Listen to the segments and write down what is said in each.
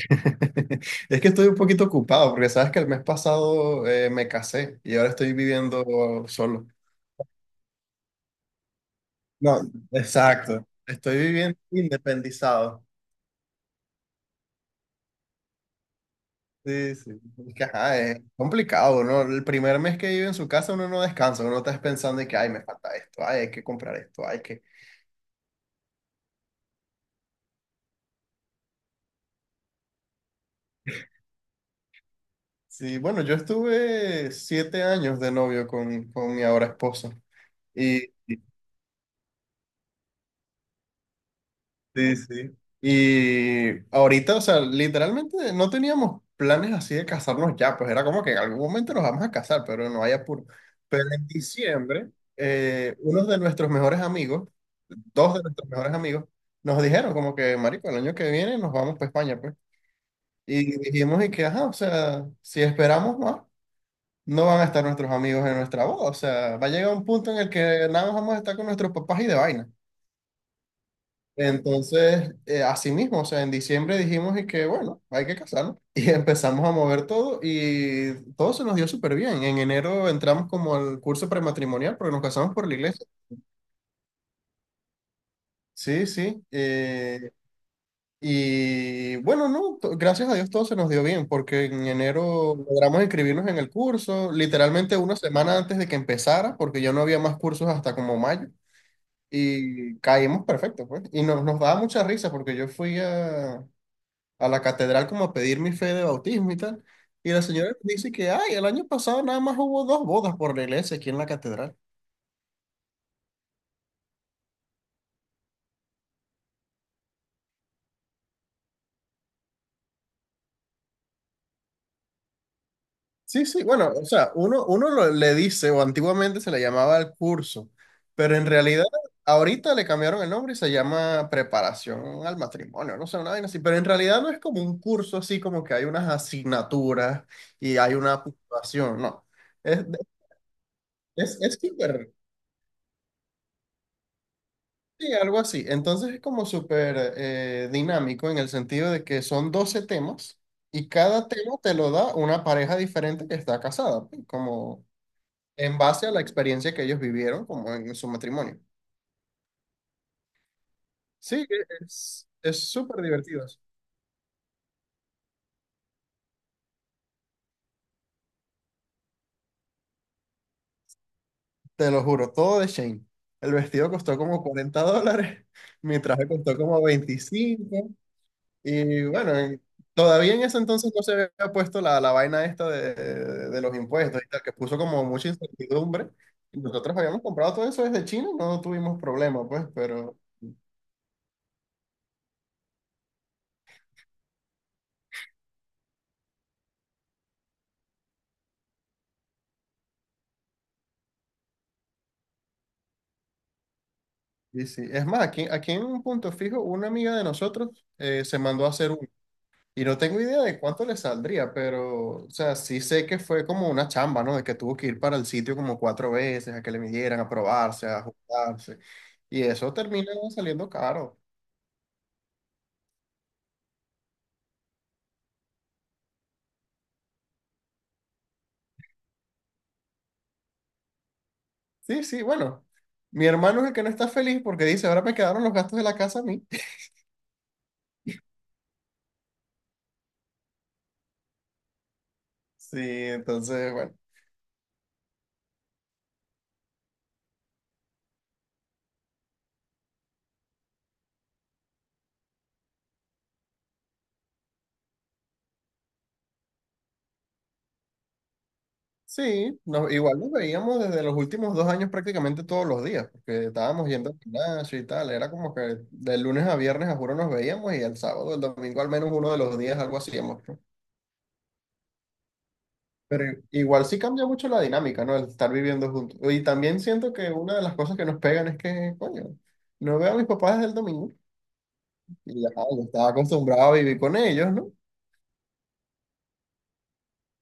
Es que estoy un poquito ocupado porque sabes que el mes pasado, me casé y ahora estoy viviendo solo. No, exacto. Estoy viviendo independizado. Sí, sí. Es que, ajá, es complicado, ¿no? El primer mes que vive en su casa uno no descansa, uno está pensando de que, ay, me falta esto, ay, hay que comprar esto, hay que... Sí, bueno, yo estuve 7 años de novio con mi ahora esposo. Sí, sí. Y ahorita, o sea, literalmente no teníamos planes así de casarnos ya, pues era como que en algún momento nos vamos a casar, pero no hay apuro. Pero en diciembre, unos de nuestros mejores amigos, dos de nuestros mejores amigos, nos dijeron como que, marico, el año que viene nos vamos para España, pues. Y dijimos y que, ajá, o sea, si esperamos más, no van a estar nuestros amigos en nuestra boda, o sea, va a llegar un punto en el que nada más vamos a estar con nuestros papás y de vaina. Entonces, así mismo, o sea, en diciembre dijimos y que, bueno, hay que casarnos. Y empezamos a mover todo y todo se nos dio súper bien. En enero entramos como al curso prematrimonial porque nos casamos por la iglesia. Sí, sí. Y bueno, no, gracias a Dios todo se nos dio bien porque en enero logramos inscribirnos en el curso, literalmente una semana antes de que empezara, porque ya no había más cursos hasta como mayo. Y caímos perfecto, pues. Y nos daba mucha risa porque yo fui a la catedral como a pedir mi fe de bautismo y tal. Y la señora me dice que, ay, el año pasado nada más hubo dos bodas por la iglesia aquí en la catedral. Sí, sí, bueno, o sea, uno le dice, o antiguamente se le llamaba el curso, pero en realidad ahorita le cambiaron el nombre y se llama preparación al matrimonio, no sé, una vaina así, pero en realidad no es como un curso así como que hay unas asignaturas y hay una puntuación, no. Es, es súper. Sí, algo así. Entonces es como súper dinámico en el sentido de que son 12 temas y cada tema te lo da una pareja diferente que está casada, pues, como en base a la experiencia que ellos vivieron como en su matrimonio. Sí, es súper divertido. Eso. Te lo juro, todo de Shane. El vestido costó como $40, mi traje costó como 25. Y bueno, y todavía en ese entonces no se había puesto la vaina esta de los impuestos y tal, que puso como mucha incertidumbre. Y nosotros habíamos comprado todo eso desde China y no tuvimos problema, pues, pero... Y sí, es más, aquí en un punto fijo, una amiga de nosotros se mandó a hacer uno. Y no tengo idea de cuánto le saldría, pero, o sea, sí sé que fue como una chamba, ¿no? De que tuvo que ir para el sitio como cuatro veces, a que le midieran, a probarse, a ajustarse. Y eso termina saliendo caro. Sí, sí, bueno. Mi hermano es el que no está feliz porque dice, ahora me quedaron los gastos de la casa a mí. Sí, entonces, bueno. Sí, igual nos veíamos desde los últimos 2 años prácticamente todos los días, porque estábamos yendo al gimnasio y tal. Era como que de lunes a viernes, a juro, nos veíamos y el sábado, el domingo, al menos uno de los días, algo hacíamos, ¿no? Pero igual sí cambia mucho la dinámica, ¿no? El estar viviendo juntos. Y también siento que una de las cosas que nos pegan es que, coño, no veo a mis papás desde el domingo. Y ya, yo estaba acostumbrado a vivir con ellos, ¿no?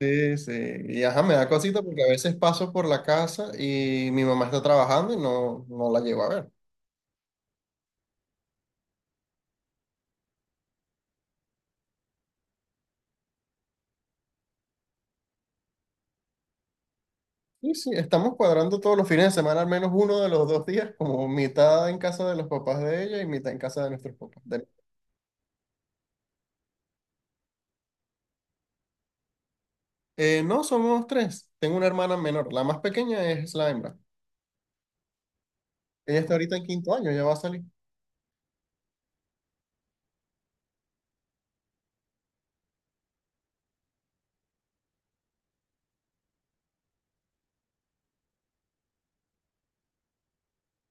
Sí, sí. Y ajá, me da cosita porque a veces paso por la casa y mi mamá está trabajando y no la llego a ver. Sí, sí, estamos cuadrando todos los fines de semana, al menos uno de los dos días, como mitad en casa de los papás de ella y mitad en casa de nuestros papás. No, somos tres. Tengo una hermana menor. La más pequeña es la hembra. Ella está ahorita en quinto año, ya va a salir.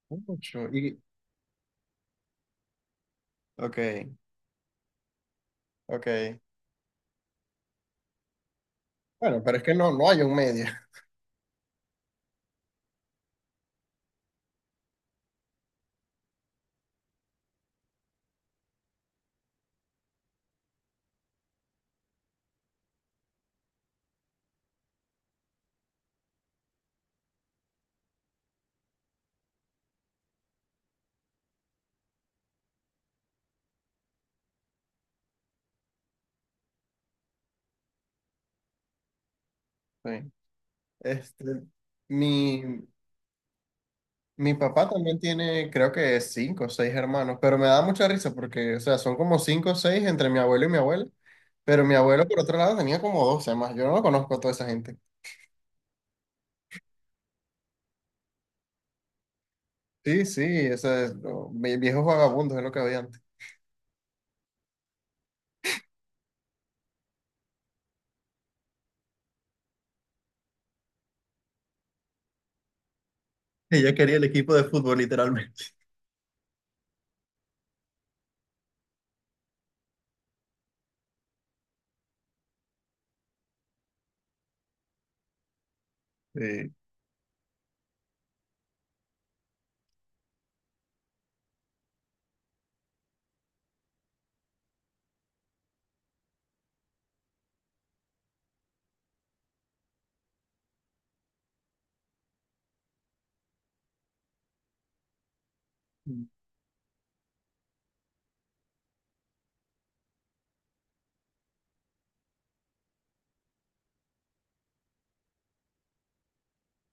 Mucho. Y... Ok, ok. Bueno, pero es que no, no hay un medio. Sí. Este, mi, mi papá también tiene, creo que cinco o seis hermanos, pero me da mucha risa porque, o sea, son como cinco o seis entre mi abuelo y mi abuela, pero mi abuelo por otro lado tenía como 12 más, yo no conozco a toda esa gente. Sí, sí, eso es, no, viejos vagabundos es lo que había antes. Ella quería el equipo de fútbol, literalmente. Sí.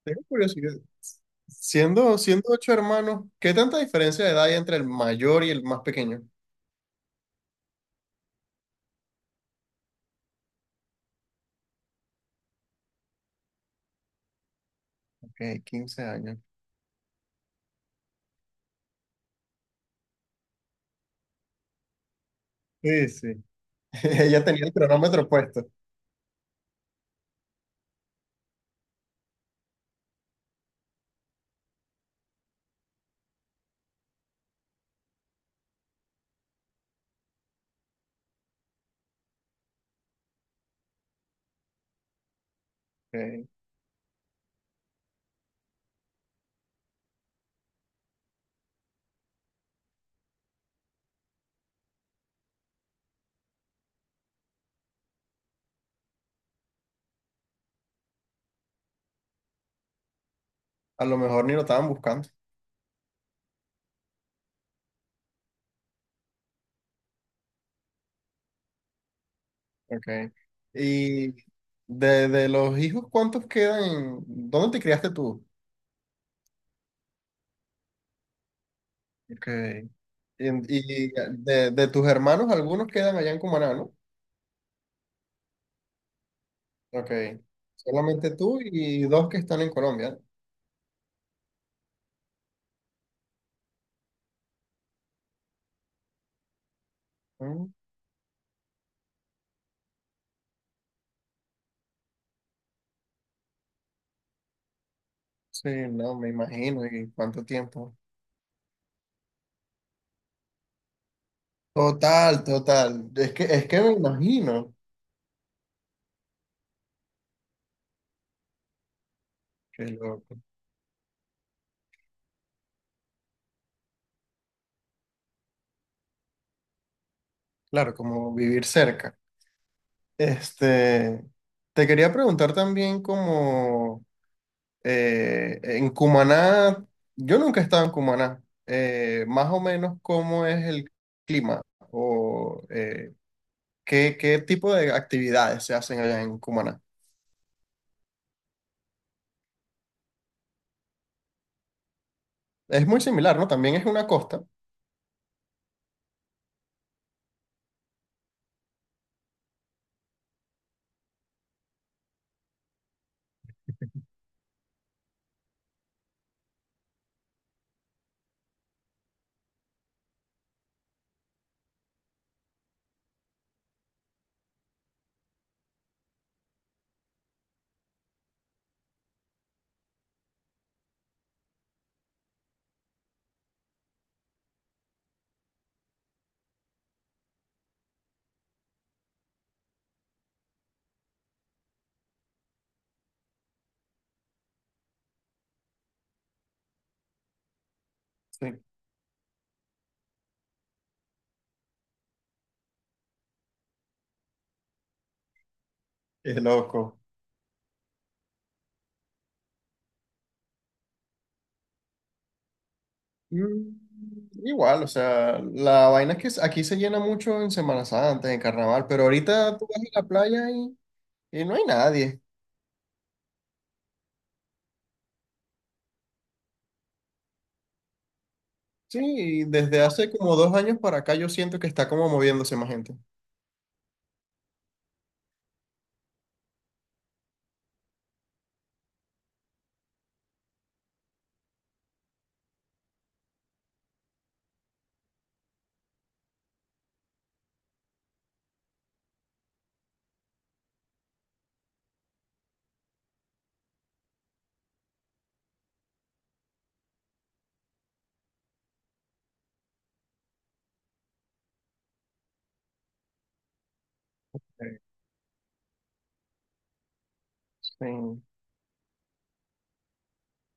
Tengo curiosidad, siendo ocho hermanos, ¿qué tanta diferencia de edad hay entre el mayor y el más pequeño? Ok, 15 años. Sí, sí. Ella tenía el cronómetro puesto. Ok. A lo mejor ni lo estaban buscando. Okay. Y de los hijos, ¿cuántos quedan? ¿Dónde te criaste tú? Okay. Y de tus hermanos, algunos quedan allá en Cumaná, ¿no? Okay. Solamente tú y dos que están en Colombia. Mm. Sí, no, me imagino. ¿Y cuánto tiempo? Total, total. Es que me imagino. Qué loco. Claro, como vivir cerca. Este, te quería preguntar también como... En Cumaná, yo nunca he estado en Cumaná. Más o menos cómo es el clima o qué tipo de actividades se hacen allá en Cumaná. Es muy similar, ¿no? También es una costa. Sí. Qué loco. Mm. Igual, o sea, la vaina es que aquí se llena mucho en Semana Santa, en Carnaval, pero ahorita tú vas a la playa y no hay nadie. Sí, y desde hace como 2 años para acá yo siento que está como moviéndose más gente. Sí. Sí.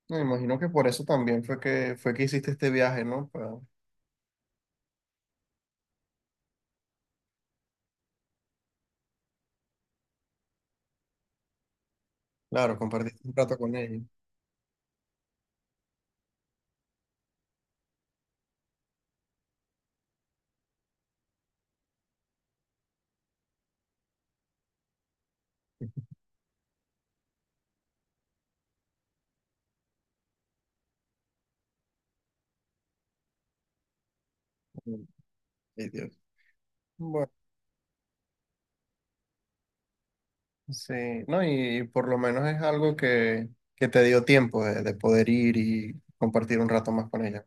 Me imagino que por eso también fue que hiciste este viaje, ¿no? Para, claro, compartiste un rato con ellos. Mm, ay, Dios. Bueno, sí, no, y, por lo menos es algo que te dio tiempo de poder ir y compartir un rato más con ella.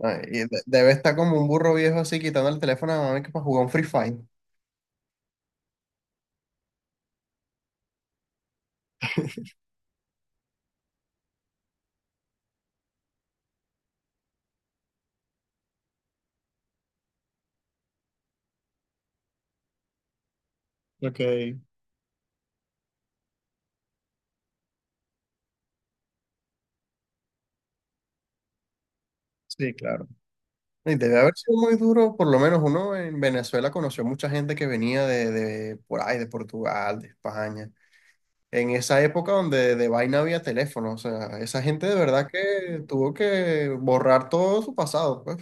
Ay, y debe estar como un burro viejo así quitando el teléfono a la mamá que para jugar un Free Fire. Ok, sí, claro. Y debe haber sido muy duro, por lo menos uno en Venezuela conoció mucha gente que venía de por ahí, de Portugal, de España. En esa época donde de vaina había teléfono. O sea, esa gente de verdad que tuvo que borrar todo su pasado, pues.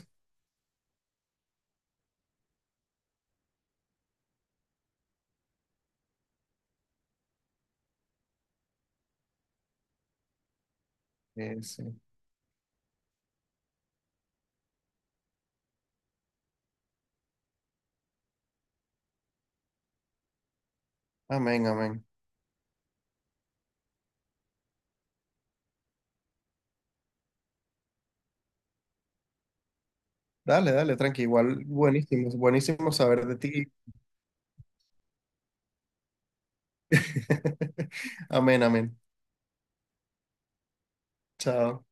Sí. Amén, amén. Dale, dale, tranqui. Igual, buenísimo, buenísimo saber de ti. Amén, amén. Chao.